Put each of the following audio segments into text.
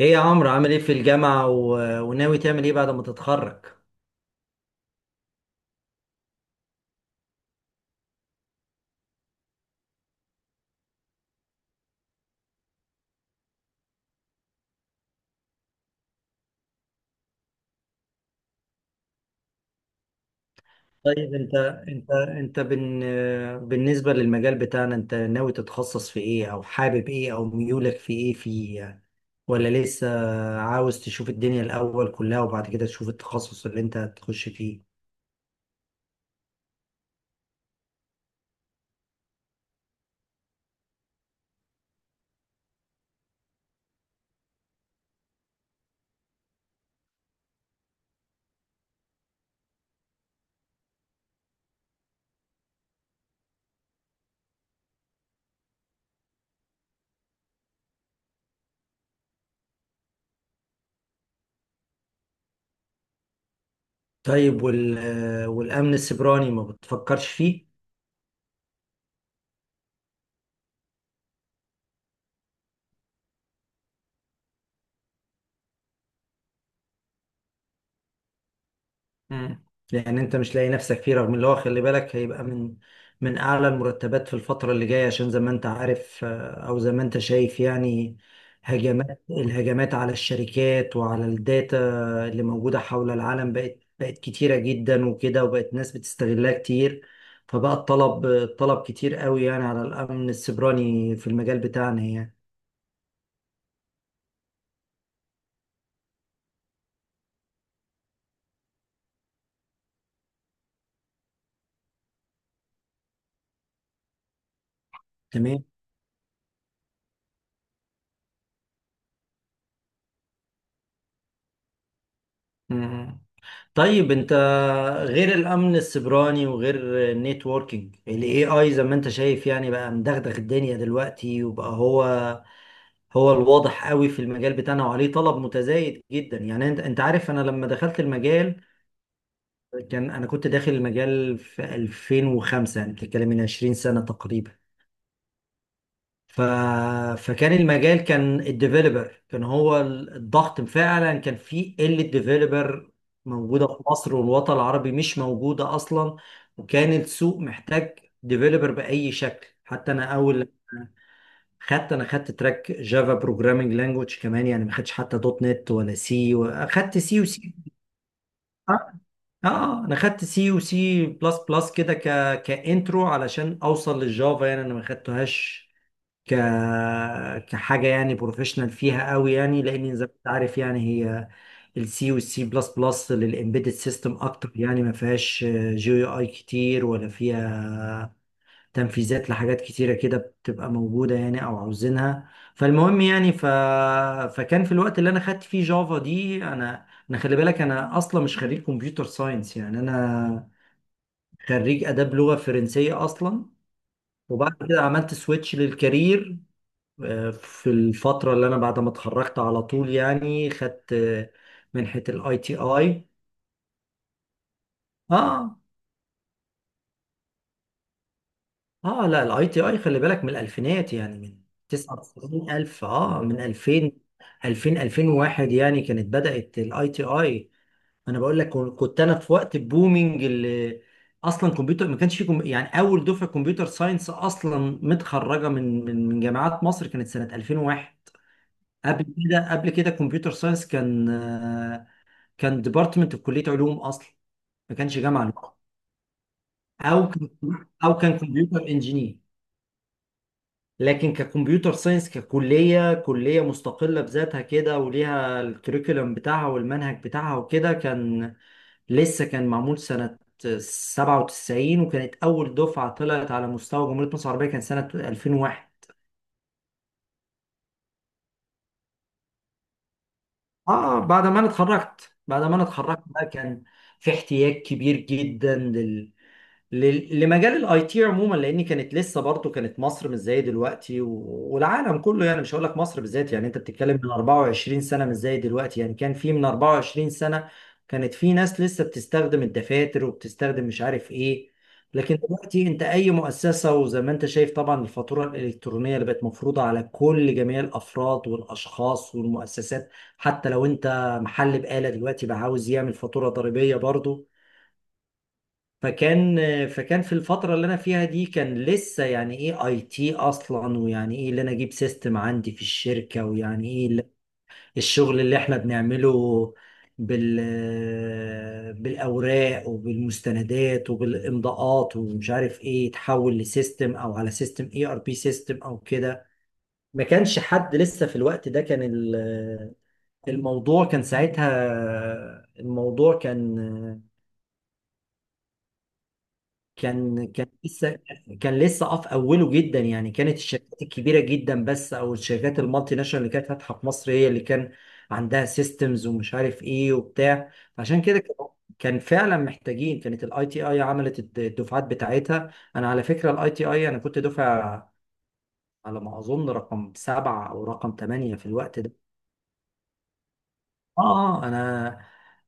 ايه يا عمرو، عامل ايه في الجامعة وناوي تعمل ايه بعد ما تتخرج؟ طيب انت، انت انت بن... بالنسبة للمجال بتاعنا، انت ناوي تتخصص في ايه او حابب ايه او ميولك في ايه فيه يعني، ولا لسه عاوز تشوف الدنيا الاول كلها وبعد كده تشوف التخصص اللي انت هتخش فيه؟ طيب والامن السيبراني ما بتفكرش فيه؟ مم. لان انت مش لاقي نفسك فيه، رغم اللي هو خلي بالك هيبقى من اعلى المرتبات في الفتره اللي جايه، عشان زي ما انت عارف، او زي ما انت شايف يعني، الهجمات على الشركات وعلى الداتا اللي موجوده حول العالم بقت كتيره جدا وكده، وبقت ناس بتستغلها كتير، فبقى الطلب كتير قوي يعني على الامن السيبراني في المجال بتاعنا يعني. تمام. مم. طيب انت، غير الامن السيبراني وغير النيتوركينج، الاي اي زي ما انت شايف يعني بقى مدغدغ الدنيا دلوقتي، وبقى هو هو الواضح قوي في المجال بتاعنا وعليه طلب متزايد جدا يعني. انت عارف، انا لما دخلت المجال، انا كنت داخل المجال في 2005، يعني بتتكلم من 20 سنة تقريبا. ف... فكان المجال، كان الديفيلوبر كان هو الضغط، فعلا كان في قلة ديفيلوبر موجودة في مصر، والوطن العربي مش موجودة أصلا. وكان السوق محتاج ديفيلوبر بأي شكل، حتى أنا أول، خدت تراك جافا بروجرامينج لانجوج كمان يعني، ما خدتش حتى دوت نت ولا سي. خدت سي وسي. اه. انا خدت سي وسي بلس بلس كده، كانترو علشان اوصل للجافا، يعني انا ما خدتهاش ك كحاجه يعني بروفيشنال فيها قوي يعني، لان زي ما انت عارف يعني، هي السي والسي بلس بلس للامبيدد سيستم اكتر يعني، ما فيهاش جي يو اي كتير ولا فيها تنفيذات لحاجات كتيره كده بتبقى موجوده يعني او عاوزينها. فالمهم يعني، فكان في الوقت اللي انا خدت فيه جافا دي، انا خلي بالك انا اصلا مش خريج كمبيوتر ساينس، يعني انا خريج اداب لغه فرنسيه اصلا. وبعد كده عملت سويتش للكارير، في الفترة اللي أنا بعد ما اتخرجت، على طول يعني خدت منحة الاي تي اي. اه. اه، لا الاي تي اي خلي بالك من الألفينات، يعني من 99000، من 2000، 2000 2001 يعني كانت بدأت الاي تي اي. أنا بقول لك كنت أنا في وقت البومينج، اللي أصلا كمبيوتر ما كانش في يعني أول دفعة كمبيوتر ساينس أصلا متخرجة من جامعات مصر كانت سنة 2001. قبل كده كمبيوتر ساينس كان ديبارتمنت في كليه علوم اصلا، ما كانش جامعه لوحده. او كان او كان كمبيوتر انجينير. لكن ككمبيوتر ساينس، ككليه، كليه مستقله بذاتها كده وليها الكريكولم بتاعها والمنهج بتاعها وكده، كان لسه كان معمول سنه 97، وكانت اول دفعه طلعت على مستوى جمهوريه مصر العربيه كان سنه 2001. اه. بعد ما انا اتخرجت بقى كان في احتياج كبير جدا لمجال الاي تي عموما، لان كانت لسه برضه كانت مصر مش زي دلوقتي والعالم كله يعني، مش هقول لك مصر بالذات يعني، انت بتتكلم من 24 سنه مش زي دلوقتي. يعني كان في من 24 سنه كانت في ناس لسه بتستخدم الدفاتر، وبتستخدم مش عارف ايه. لكن دلوقتي انت اي مؤسسه، وزي ما انت شايف طبعا الفاتوره الالكترونيه اللي بقت مفروضه على كل جميع الافراد والاشخاص والمؤسسات، حتى لو انت محل بقاله دلوقتي بقى عاوز يعمل فاتوره ضريبيه برضه. فكان فكان في الفترة اللي أنا فيها دي، كان لسه يعني إيه أي تي أصلا، ويعني إيه اللي أنا أجيب سيستم عندي في الشركة، ويعني إيه الشغل اللي إحنا بنعمله بال بالأوراق وبالمستندات وبالإمضاءات ومش عارف إيه، يتحول لسيستم أو على سيستم إي آر بي سيستم أو كده. ما كانش حد لسه في الوقت ده. كان الموضوع كان ساعتها، الموضوع كان لسه، كان لسه في اوله جدا يعني. كانت الشركات الكبيره جدا بس، او الشركات المالتي ناشونال اللي كانت فاتحه في مصر، هي اللي كان عندها سيستمز ومش عارف ايه وبتاع. عشان كده كان، كان فعلا محتاجين، كانت الاي تي اي عملت الدفعات بتاعتها. انا على فكره الاي تي اي، انا كنت دفعه على ما اظن رقم 7 او رقم 8 في الوقت ده. اه. انا،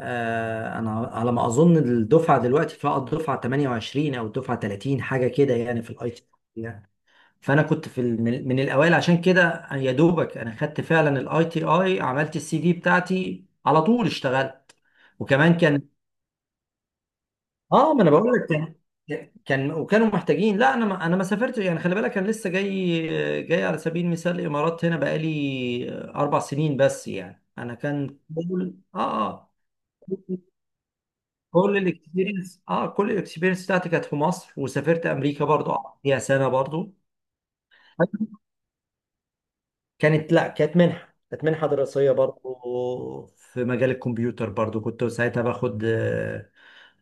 انا على ما اظن الدفعه دلوقتي فيها الدفعه 28 او الدفعه 30، حاجه كده يعني في الاي تي يعني. فانا كنت في من الاوائل، عشان كده يا دوبك انا خدت فعلا الاي تي اي، عملت السي في بتاعتي على طول اشتغلت. وكمان كان، اه ما انا بقول لك كان وكانوا محتاجين. لا انا، ما سافرتش يعني، خلي بالك انا لسه جاي على سبيل المثال، الامارات هنا بقالي 4 سنين بس يعني. انا كان اه. اه، كل الاكسبيرينس بتاعتي كانت في مصر، وسافرت امريكا برضو، قعدت فيها سنه برضو. كانت، لا كانت منحه دراسيه برضو في مجال الكمبيوتر برضو، كنت ساعتها باخد آه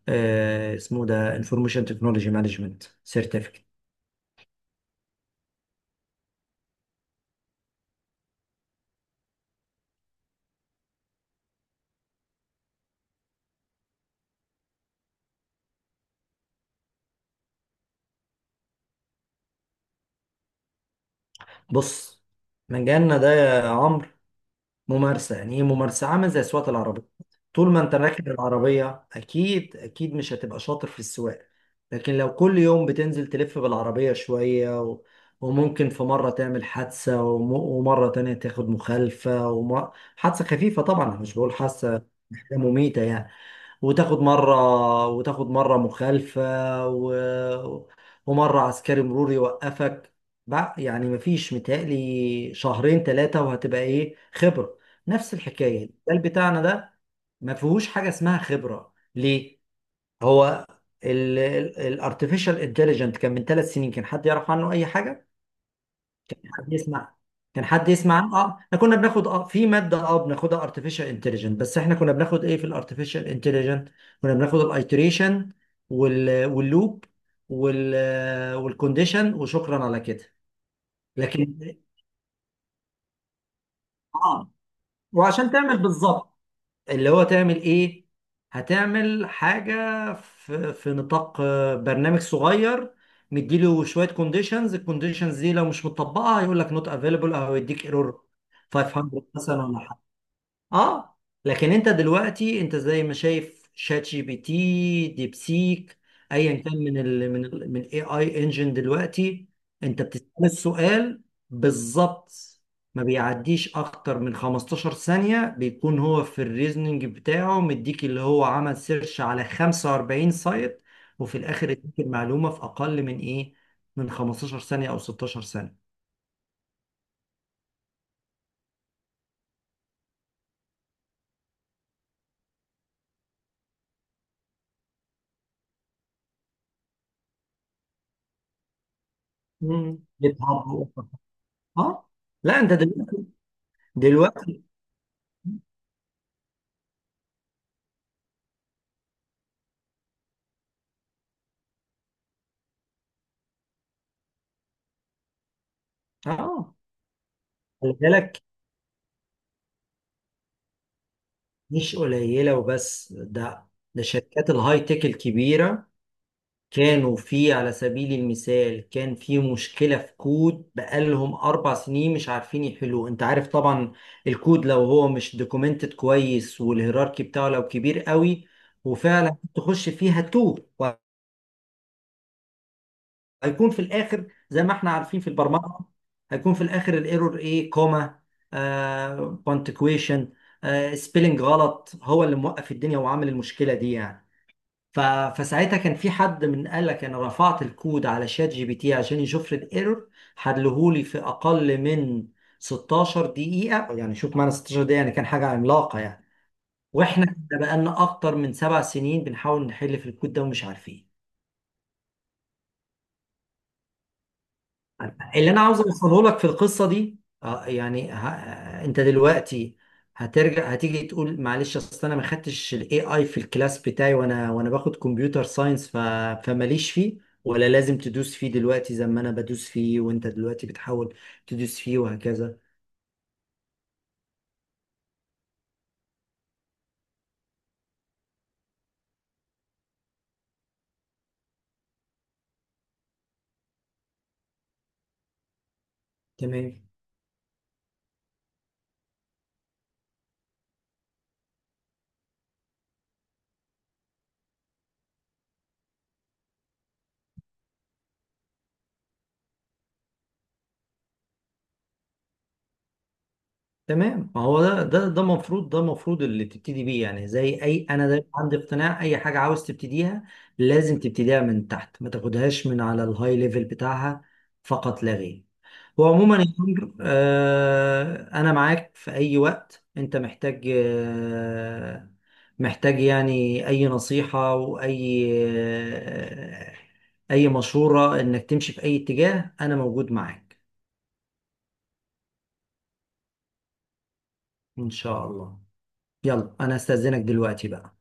آه اسمه ده انفورميشن تكنولوجي مانجمنت سيرتيفيكت. بص، مجالنا ده يا عمرو ممارسة. يعني ايه ممارسة؟ عامل زي سواقة العربية، طول ما انت راكب العربية اكيد اكيد مش هتبقى شاطر في السواقة. لكن لو كل يوم بتنزل تلف بالعربية شوية، وممكن في مرة تعمل حادثة، ومرة تانية تاخد مخالفة، حادثة خفيفة طبعا، أنا مش بقول حادثة حاجة مميتة يعني. وتاخد مرة مخالفة، و... ومرة عسكري مرور يوقفك، بقى يعني مفيش. متهيألي شهرين ثلاثة وهتبقى ايه خبرة. نفس الحكاية المجال بتاعنا ده، ما فيهوش حاجة اسمها خبرة ليه؟ هو الارتفيشال انتليجنت كان من 3 سنين كان حد يعرف عنه اي حاجة؟ حد يسمع كان حد يسمع عنه؟ اه، احنا كنا بناخد في ماده بناخدها ارتفيشال انتليجنت، بس احنا كنا بناخد ايه في الارتفيشال انتليجنت؟ كنا بناخد الايتريشن، واللوب، وال والكونديشن، وشكرا على كده. لكن اه، وعشان تعمل بالظبط، اللي هو تعمل ايه، هتعمل حاجة في, نطاق برنامج صغير. مديله شوية كونديشنز، الكونديشنز دي لو مش مطبقة هيقول لك نوت افيلبل، او يديك ايرور 500 مثلا ولا. اه. لكن انت دلوقتي، انت زي ما شايف شات جي بي تي، ديبسيك، ايا كان من اي اي انجن دلوقتي، انت بتسأل السؤال بالظبط، ما بيعديش اكتر من 15 ثانية، بيكون هو في الريزنينج بتاعه، مديك اللي هو عمل سيرش على 45 سايت، وفي الاخر اديك المعلومة في اقل من ايه، من 15 ثانية او 16 ثانية. مم. جيت هاب. اه، لا انت دلوقتي اه خلي بالك، مش قليلة وبس، ده شركات الهاي تك الكبيرة، كانوا في على سبيل المثال كان في مشكلة في كود بقالهم 4 سنين مش عارفين يحلوه. أنت عارف طبعا الكود لو هو مش دوكومنتد كويس والهيراركي بتاعه لو كبير قوي، وفعلا تخش فيها توه، هيكون في الاخر زي ما احنا عارفين في البرمجه، هيكون في الاخر الايرور ايه؟ كوما، آه، بونتكويشن، آه، سبيلنج غلط هو اللي موقف الدنيا وعامل المشكله دي يعني. ف... فساعتها كان في حد من قال لك انا رفعت الكود على شات جي بي تي عشان يشوف لي الايرور، حلهولي في اقل من 16 دقيقه يعني، شوف معنا 16 دقيقه يعني كان حاجه عملاقه يعني. واحنا بقالنا اكتر من 7 سنين بنحاول نحل في الكود ده ومش عارفين. اللي انا عاوز اوصله لك في القصه دي، يعني انت دلوقتي هترجع هتيجي تقول معلش اصل انا ما خدتش الاي اي في الكلاس بتاعي، وانا باخد كمبيوتر ساينس، فماليش فيه، ولا لازم تدوس فيه دلوقتي زي ما انا بدوس فيه، وانت دلوقتي بتحاول تدوس فيه وهكذا. تمام. تمام، ما هو ده المفروض اللي تبتدي بيه يعني، زي اي، انا دايما عندي اقتناع اي حاجه عاوز تبتديها لازم تبتديها من تحت، ما تاخدهاش من على الهاي ليفل بتاعها فقط لا غير. وعموما يا عمرو، انا معاك في اي وقت انت محتاج، محتاج يعني اي نصيحه واي اي مشوره انك تمشي في اي اتجاه، انا موجود معاك. ان شاء الله. يلا انا استاذنك دلوقتي بقى.